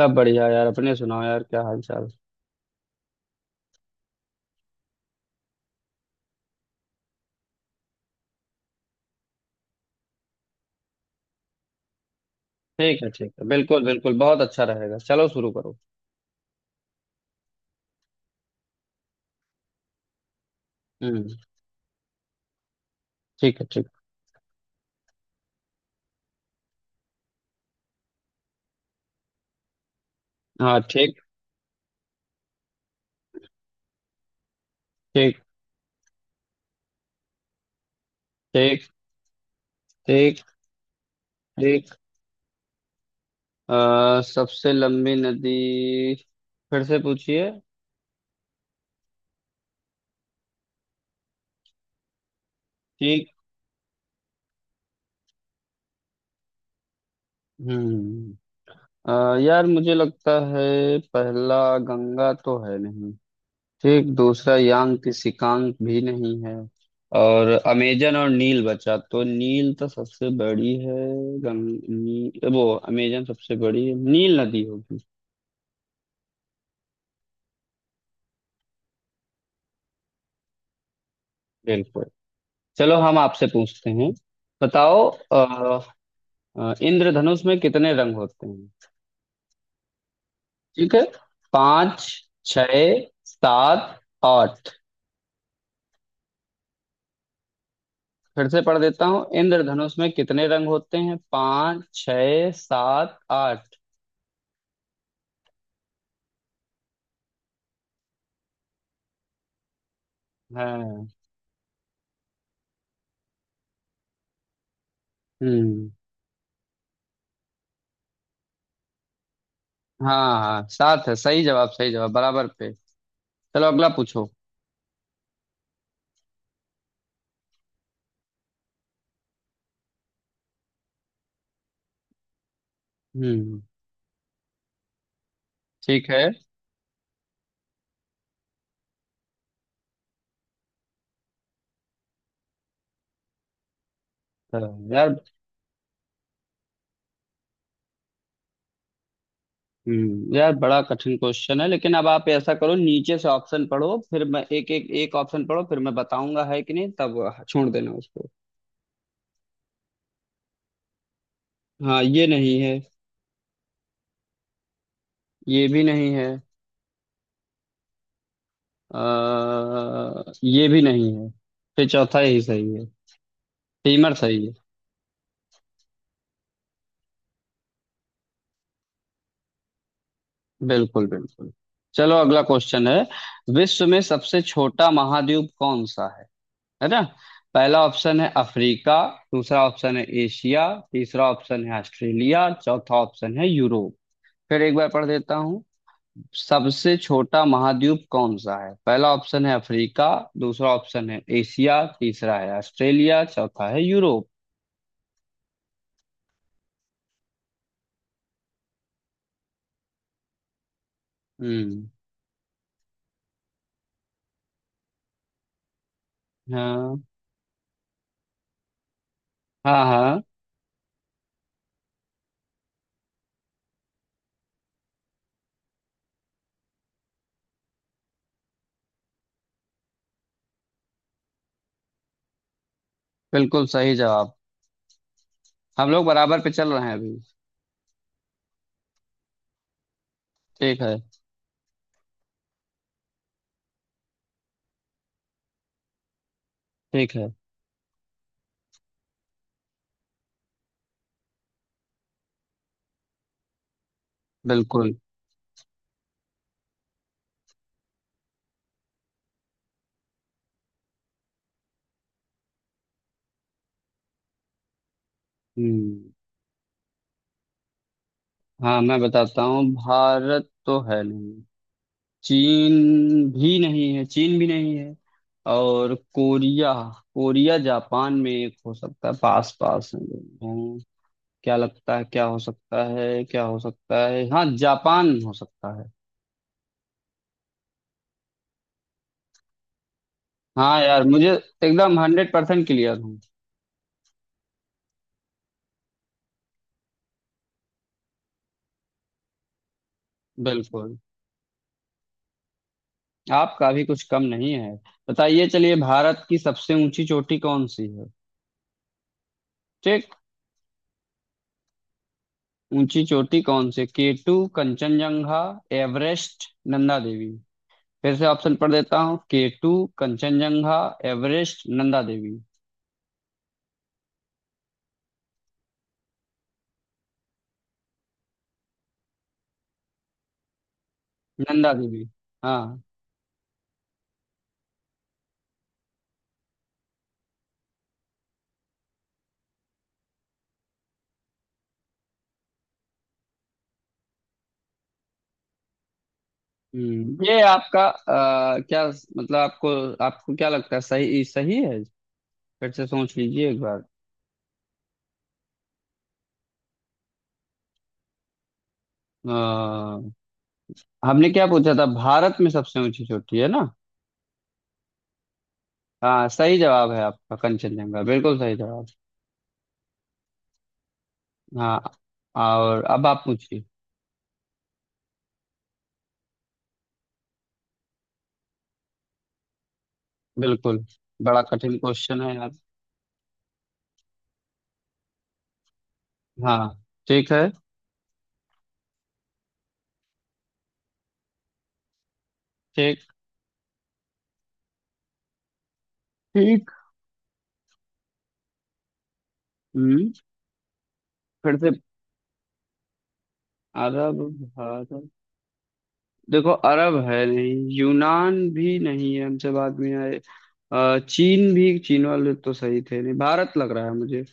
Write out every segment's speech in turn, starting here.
सब बढ़िया यार। अपने सुनाओ यार, क्या हाल चाल? ठीक है, ठीक है, बिल्कुल बिल्कुल बहुत अच्छा रहेगा। चलो शुरू करो। हम्म। ठीक है। ठीक। हाँ, ठीक। ठीक। ठीक। ठीक। ठीक। सबसे लंबी नदी, फिर से पूछिए। ठीक। हम्म अ, यार, मुझे लगता है पहला गंगा तो है नहीं। ठीक, दूसरा यांग की सिकांग भी नहीं है। और अमेजन और नील बचा, तो नील तो सबसे बड़ी है। वो अमेजन सबसे बड़ी है, नील नदी होगी। बिल्कुल। चलो, हम आपसे पूछते हैं। बताओ, इंद्रधनुष में कितने रंग होते हैं? ठीक है। पाँच, छः, सात, आठ। फिर से पढ़ देता हूँ, इंद्रधनुष में कितने रंग होते हैं? पाँच, छः, सात, आठ। हैं। हम्म। हाँ, हाँ, सात है। सही जवाब, सही जवाब, बराबर पे। चलो, अगला पूछो। हम्म। ठीक है। तो यार, यार, बड़ा कठिन क्वेश्चन है। लेकिन अब आप ऐसा करो, नीचे से ऑप्शन पढ़ो, फिर मैं एक एक एक ऑप्शन पढ़ो, फिर मैं बताऊंगा है कि नहीं, तब छोड़ देना उसको। हाँ, ये नहीं है। ये भी नहीं है। ये भी नहीं है। फिर चौथा यही सही है। फीमर सही है। बिल्कुल बिल्कुल। चलो, अगला क्वेश्चन है। विश्व में सबसे छोटा महाद्वीप कौन सा है? है ना? पहला ऑप्शन है अफ्रीका। दूसरा ऑप्शन है एशिया। तीसरा ऑप्शन है ऑस्ट्रेलिया। चौथा ऑप्शन है यूरोप। फिर एक बार पढ़ देता हूँ, सबसे छोटा महाद्वीप कौन सा है? पहला ऑप्शन है अफ्रीका, दूसरा ऑप्शन है एशिया, तीसरा है ऑस्ट्रेलिया, चौथा है यूरोप। हम्म। हाँ, हाँ, हाँ, बिल्कुल सही जवाब। हम लोग बराबर पे चल रहे हैं अभी। ठीक है, ठीक है। बिल्कुल। हम्म। हाँ, मैं बताता हूँ, भारत तो है नहीं। चीन भी नहीं है, चीन भी नहीं है। और कोरिया, कोरिया जापान में एक हो सकता है, पास पास हैं दोनों। क्या लगता है, क्या हो सकता है, क्या हो सकता है? हाँ, जापान हो सकता है। हाँ यार, मुझे एकदम 100% क्लियर हूँ। बिल्कुल। आपका भी कुछ कम नहीं है। बताइए, चलिए, भारत की सबसे ऊंची चोटी कौन सी है? ठीक। ऊंची चोटी कौन सी? K two, Kanchenjunga, Everest, Nanda Devi. फिर से ऑप्शन पढ़ देता हूँ, केटू, कंचनजंगा, एवरेस्ट, नंदा देवी। नंदा देवी। हाँ। ये आपका, क्या मतलब, आपको आपको क्या लगता है, सही सही है? फिर से सोच लीजिए एक बार। आ, हमने क्या पूछा था? भारत में सबसे ऊंची चोटी, है ना? हाँ, सही जवाब है आपका, कंचनजंगा, बिल्कुल सही जवाब। हाँ। और अब आप पूछिए। बिल्कुल। बड़ा कठिन क्वेश्चन है यार। हाँ, ठीक है। ठीक। ठीक। हम्म फिर से, अरब, भारत। देखो, अरब है नहीं, यूनान भी नहीं है, हमसे बाद में आए। चीन भी, चीन वाले तो सही थे नहीं, भारत लग रहा है मुझे।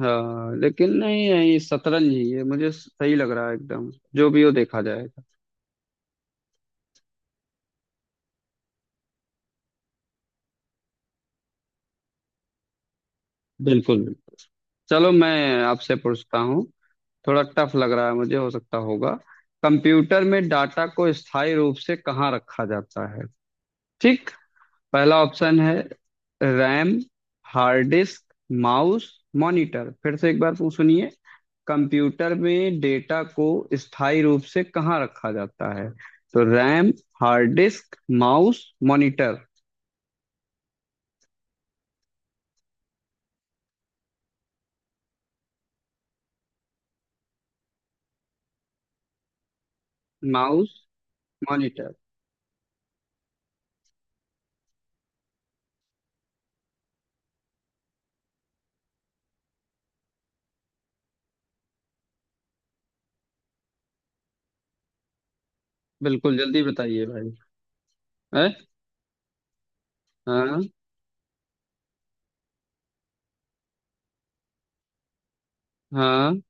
हाँ, लेकिन नहीं नहीं, शतरंज ही है, मुझे सही लग रहा है एकदम। जो भी हो, देखा जाएगा। बिल्कुल बिल्कुल। चलो, मैं आपसे पूछता हूँ। थोड़ा टफ लग रहा है, मुझे हो सकता होगा। कंप्यूटर में डाटा को स्थायी रूप से कहाँ रखा जाता है? ठीक। पहला ऑप्शन है RAM, hard disk, mouse, monitor. फिर से एक बार पूछ सुनिए, कंप्यूटर में डेटा को स्थायी रूप से कहाँ रखा जाता है? तो RAM, hard disk, mouse, monitor. Mouse, monitor. बिल्कुल, जल्दी बताइए भाई। है। हाँ, हाँ।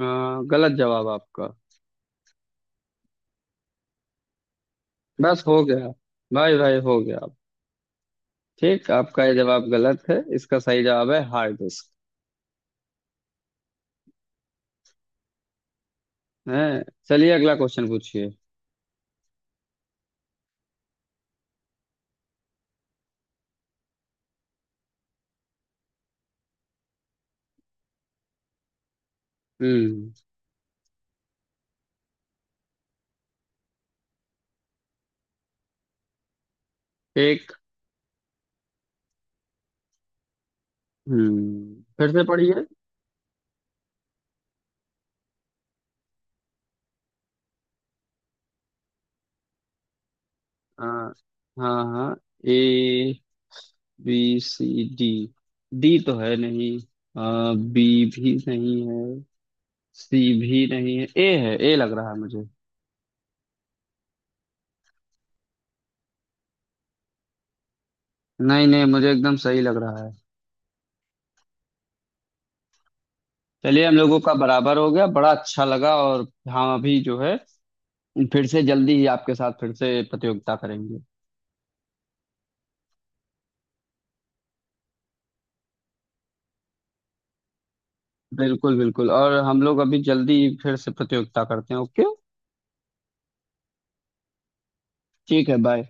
हाँ, गलत जवाब आपका। बस हो गया। भाई भाई, हो गया। ठीक, आपका ये जवाब गलत है, इसका सही जवाब है हार्ड डिस्क। है। चलिए, अगला क्वेश्चन पूछिए। हम्म। एक। फिर से पढ़िए। आ, हाँ, हाँ। A, B, C, D. D तो है नहीं। बी भी नहीं है। सी भी नहीं है, ए है, ए लग रहा है मुझे। नहीं नहीं, मुझे एकदम सही लग रहा है। चलिए, हम लोगों का बराबर हो गया, बड़ा अच्छा लगा। और हम अभी जो है, फिर से जल्दी ही आपके साथ फिर से प्रतियोगिता करेंगे। बिल्कुल बिल्कुल, और हम लोग अभी जल्दी ही फिर से प्रतियोगिता करते हैं, ओके। ठीक है, बाय।